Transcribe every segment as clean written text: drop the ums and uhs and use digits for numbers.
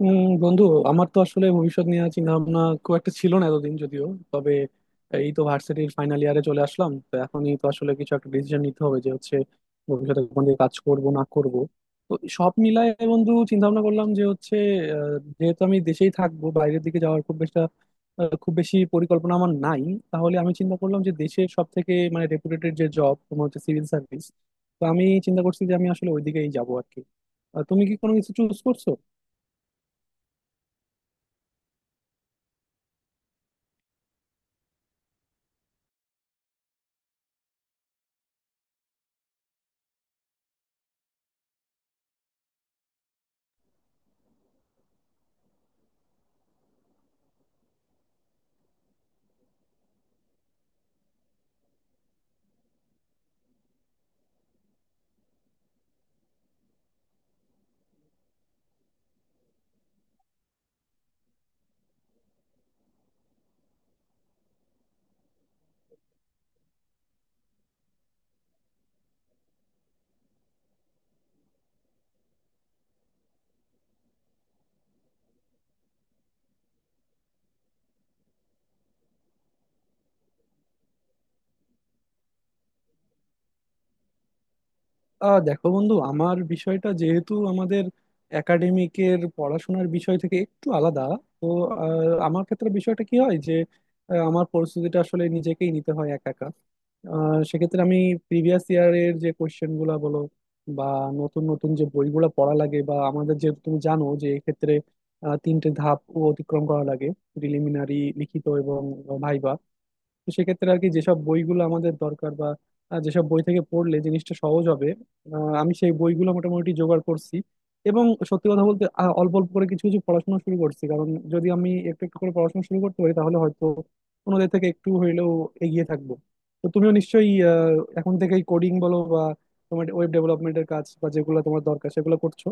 উম বন্ধু, আমার তো আসলে ভবিষ্যৎ নিয়ে চিন্তা ভাবনা খুব একটা ছিল না এতদিন যদিও। তবে এই তো ভার্সিটির ফাইনাল ইয়ারে চলে আসলাম, তো এখনই তো আসলে কিছু একটা ডিসিশন নিতে হবে যে হচ্ছে ভবিষ্যতে কোন দিকে কাজ করব না করব। তো সব মিলায় বন্ধু চিন্তা ভাবনা করলাম যে হচ্ছে যেহেতু আমি দেশেই থাকবো, বাইরের দিকে যাওয়ার খুব বেশি পরিকল্পনা আমার নাই। তাহলে আমি চিন্তা করলাম যে দেশের সব থেকে মানে রেপুটেটেড যে জব তোমার হচ্ছে সিভিল সার্ভিস, তো আমি চিন্তা করছি যে আমি আসলে ওইদিকেই যাবো আর কি। তুমি কি কোনো কিছু চুজ করছো? দেখো বন্ধু, আমার বিষয়টা যেহেতু আমাদের একাডেমিকের পড়াশোনার বিষয় থেকে একটু আলাদা, তো আহ, আমার ক্ষেত্রে বিষয়টা কি হয় যে আমার পরিস্থিতিটা আসলে নিজেকেই নিতে হয় একা একা। সেক্ষেত্রে আমি প্রিভিয়াস ইয়ারের যে কোয়েশ্চেন গুলা বলো বা নতুন নতুন যে বইগুলো পড়া লাগে, বা আমাদের যেহেতু তুমি জানো যে এক্ষেত্রে 3টে ধাপ অতিক্রম করা লাগে: প্রিলিমিনারি, লিখিত এবং ভাইবা। তো সেক্ষেত্রে আর কি যেসব বইগুলো আমাদের দরকার বা যেসব বই থেকে পড়লে জিনিসটা সহজ হবে, আহ, আমি সেই বইগুলো মোটামুটি জোগাড় করছি। এবং সত্যি কথা বলতে অল্প অল্প করে কিছু কিছু পড়াশোনা শুরু করছি, কারণ যদি আমি একটু একটু করে পড়াশোনা শুরু করতে পারি তাহলে হয়তো অন্যদের থেকে একটু হইলেও এগিয়ে থাকবো। তো তুমিও নিশ্চয়ই এখন থেকেই কোডিং বলো বা তোমার ওয়েব ডেভেলপমেন্টের কাজ বা যেগুলো তোমার দরকার সেগুলো করছো।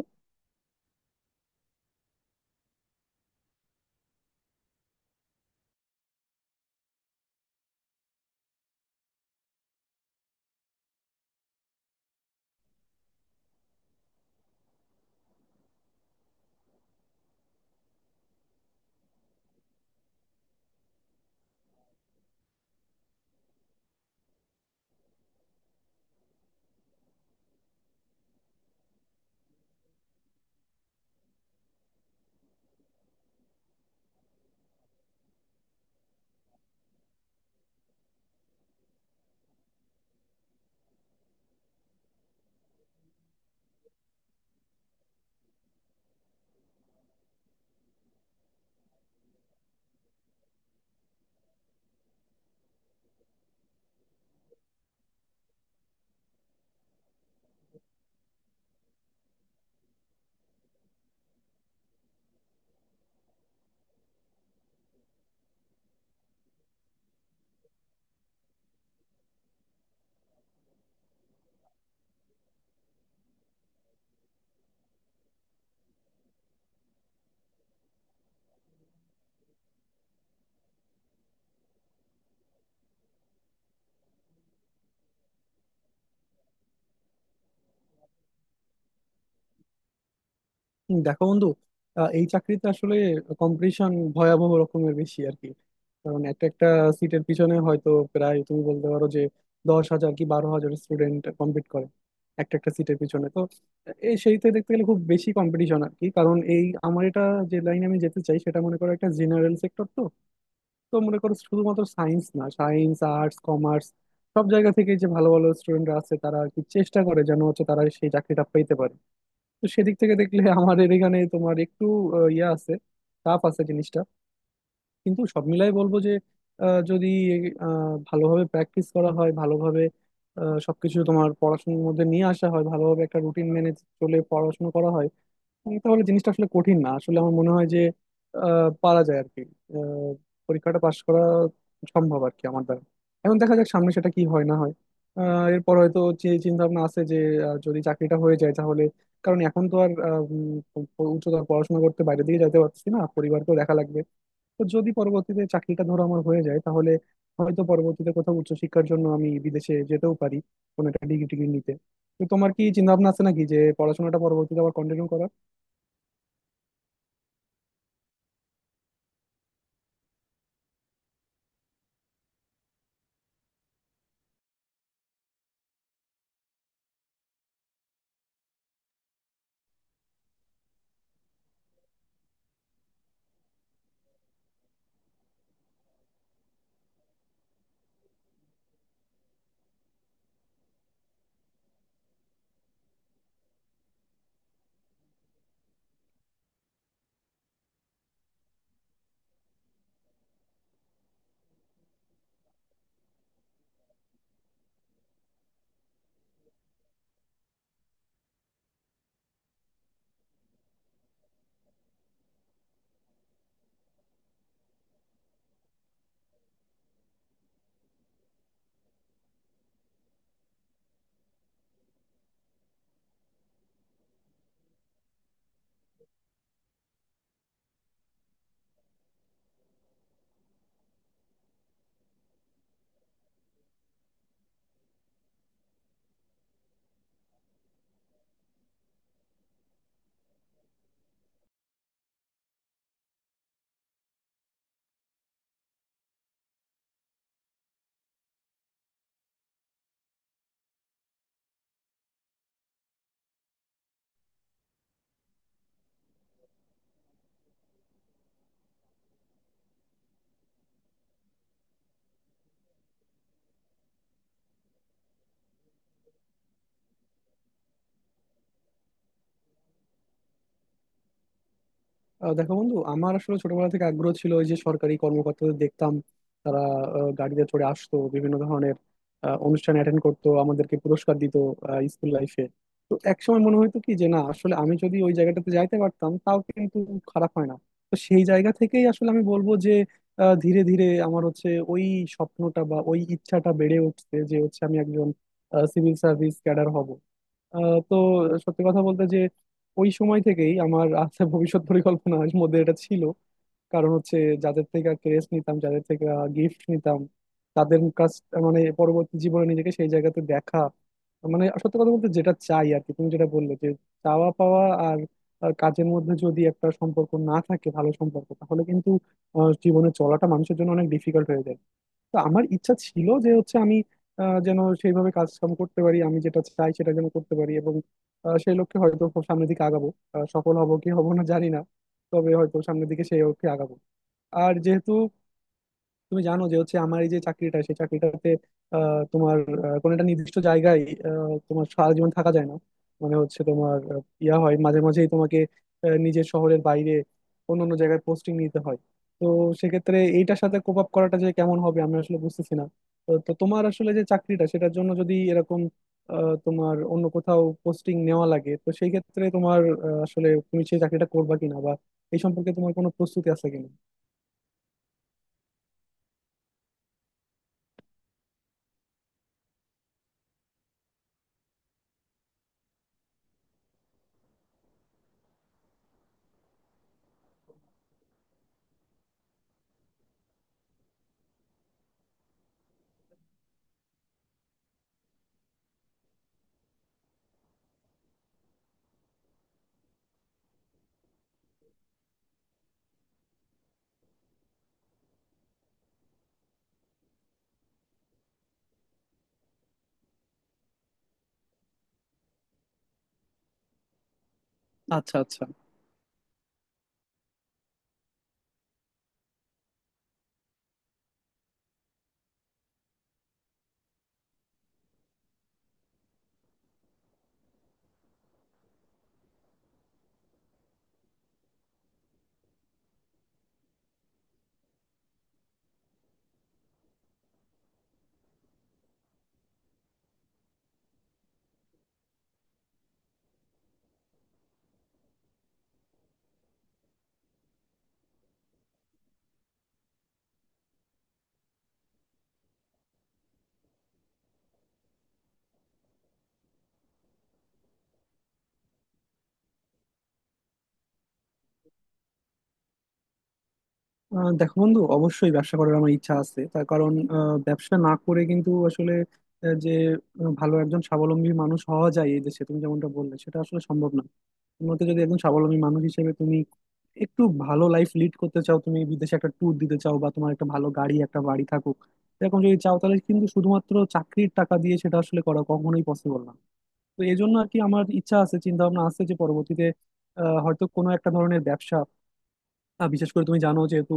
হুম, দেখো বন্ধু, এই চাকরিতে আসলে কম্পিটিশন ভয়াবহ রকমের বেশি আর কি। কারণ একটা একটা সিটের পিছনে হয়তো প্রায় তুমি বলতে পারো যে 10 হাজার কি 12 হাজার স্টুডেন্ট কম্পিট করে একটা একটা সিটের পিছনে। তো এই সেইতে দেখতে গেলে খুব বেশি কম্পিটিশন আর কি, কারণ এই আমার এটা যে লাইনে আমি যেতে চাই সেটা মনে করো একটা জেনারেল সেক্টর। তো তো মনে করো শুধুমাত্র সায়েন্স না, সায়েন্স আর্টস কমার্স সব জায়গা থেকে যে ভালো ভালো স্টুডেন্টরা আছে তারা আর কি চেষ্টা করে যেন হচ্ছে তারা সেই চাকরিটা পেতে পারে। তো সেদিক থেকে দেখলে আমাদের এখানে তোমার একটু ইয়ে আছে, টাফ আছে জিনিসটা। কিন্তু সব মিলাই বলবো যে যদি ভালোভাবে প্র্যাকটিস করা হয়, ভালোভাবে সবকিছু তোমার পড়াশোনার মধ্যে নিয়ে আসা হয়, ভালোভাবে একটা রুটিন মেনে চলে পড়াশোনা করা হয়, তাহলে জিনিসটা আসলে কঠিন না। আসলে আমার মনে হয় যে পারা যায় আর কি। আহ, পরীক্ষাটা পাশ করা সম্ভব আর কি আমার দ্বারা। এখন দেখা যাক সামনে সেটা কি হয় না হয়। এরপর হয়তো যে চিন্তা ভাবনা আছে যে যদি চাকরিটা হয়ে যায় তাহলে, কারণ এখন তো আর উচ্চতর পড়াশোনা করতে বাইরে দিকে যেতে পারছি না, পরিবারকেও দেখা লাগবে। তো যদি পরবর্তীতে চাকরিটা ধরো আমার হয়ে যায় তাহলে হয়তো পরবর্তীতে কোথাও উচ্চশিক্ষার জন্য আমি বিদেশে যেতেও পারি কোনো একটা ডিগ্রি টিগ্রি নিতে। তো তোমার কি চিন্তা ভাবনা আছে নাকি যে পড়াশোনাটা পরবর্তীতে আবার কন্টিনিউ করার? দেখো বন্ধু, আমার আসলে ছোটবেলা থেকে আগ্রহ ছিল ওই যে সরকারি কর্মকর্তাদের দেখতাম তারা গাড়িতে চড়ে আসতো, বিভিন্ন ধরনের অনুষ্ঠান অ্যাটেন্ড করতো, আমাদেরকে পুরস্কার দিত স্কুল লাইফে। তো একসময় মনে হতো কি যে না আসলে আমি যদি ওই জায়গাটাতে যাইতে পারতাম তাও কিন্তু খারাপ হয় না। তো সেই জায়গা থেকেই আসলে আমি বলবো যে ধীরে ধীরে আমার হচ্ছে ওই স্বপ্নটা বা ওই ইচ্ছাটা বেড়ে উঠছে যে হচ্ছে আমি একজন সিভিল সার্ভিস ক্যাডার হব। তো সত্যি কথা বলতে যে ওই সময় থেকেই আমার আছে ভবিষ্যৎ পরিকল্পনার মধ্যে এটা ছিল। কারণ হচ্ছে যাদের থেকে ক্রেজ নিতাম, যাদের থেকে গিফট নিতাম তাদের কাছ, মানে পরবর্তী জীবনে নিজেকে সেই জায়গাতে দেখা, মানে সত্যি কথা বলতে যেটা চাই আর কি। তুমি যেটা বললে যে চাওয়া পাওয়া আর কাজের মধ্যে যদি একটা সম্পর্ক না থাকে, ভালো সম্পর্ক, তাহলে কিন্তু জীবনে চলাটা মানুষের জন্য অনেক ডিফিকাল্ট হয়ে যায়। তো আমার ইচ্ছা ছিল যে হচ্ছে আমি যেন সেইভাবে কাজ কাম করতে পারি, আমি যেটা চাই সেটা যেন করতে পারি, এবং সেই লক্ষ্যে হয়তো খুব সামনের দিকে আগাবো। সফল হব কি হব না জানি না, তবে হয়তো সামনের দিকে সেই লক্ষ্যে আগাবো। আর যেহেতু তুমি জানো যে হচ্ছে আমার এই যে চাকরিটা, সেই চাকরিটাতে আহ, তোমার কোনো একটা নির্দিষ্ট জায়গায় তোমার সারা জীবন থাকা যায় না। মানে হচ্ছে তোমার ইয়া হয়, মাঝে মাঝেই তোমাকে নিজের শহরের বাইরে অন্য অন্য জায়গায় পোস্টিং নিতে হয়। তো সেক্ষেত্রে এইটার সাথে কোপ আপ করাটা যে কেমন হবে আমি আসলে বুঝতেছি না। তো তো তোমার আসলে যে চাকরিটা সেটার জন্য যদি এরকম তোমার অন্য কোথাও পোস্টিং নেওয়া লাগে, তো সেই ক্ষেত্রে তোমার আসলে তুমি সেই চাকরিটা করবা কিনা বা এই সম্পর্কে তোমার কোনো প্রস্তুতি আছে কিনা? আচ্ছা, আচ্ছা। দেখো বন্ধু, অবশ্যই ব্যবসা করার আমার ইচ্ছা আছে। তার কারণ ব্যবসা না করে কিন্তু আসলে আহ, যে ভালো একজন স্বাবলম্বী মানুষ হওয়া যায় এই দেশে তুমি যেমনটা বললে সেটা আসলে সম্ভব না। তোমার মতে যদি একজন স্বাবলম্বী মানুষ হিসেবে তুমি একটু ভালো লাইফ লিড করতে চাও, তুমি বিদেশে একটা ট্যুর দিতে চাও, বা তোমার একটা ভালো গাড়ি একটা বাড়ি থাকুক, এরকম যদি চাও তাহলে কিন্তু শুধুমাত্র চাকরির টাকা দিয়ে সেটা আসলে করা কখনোই পসিবল না। তো এই জন্য আর কি আমার ইচ্ছা আছে, চিন্তা ভাবনা আছে যে পরবর্তীতে হয়তো কোনো একটা ধরনের ব্যবসা, বিশেষ করে তুমি জানো যেহেতু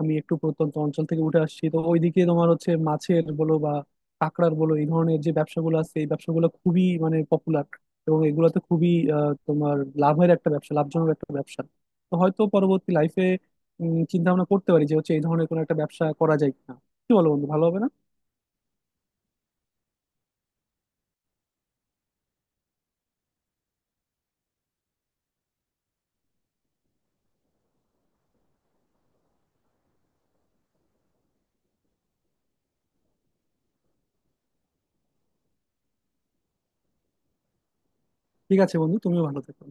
আমি একটু প্রত্যন্ত অঞ্চল থেকে উঠে আসছি, তো ওইদিকে তোমার হচ্ছে মাছের বলো বা কাঁকড়ার বলো এই ধরনের যে ব্যবসাগুলো আছে, এই ব্যবসাগুলো খুবই মানে পপুলার। এবং এগুলোতে খুবই আহ, তোমার লাভের একটা ব্যবসা, লাভজনক একটা ব্যবসা। তো হয়তো পরবর্তী লাইফে চিন্তা ভাবনা করতে পারি যে হচ্ছে এই ধরনের কোনো একটা ব্যবসা করা যায় কিনা। কি বলো বন্ধু, ভালো হবে না? ঠিক আছে বন্ধু, তুমিও ভালো থেকো।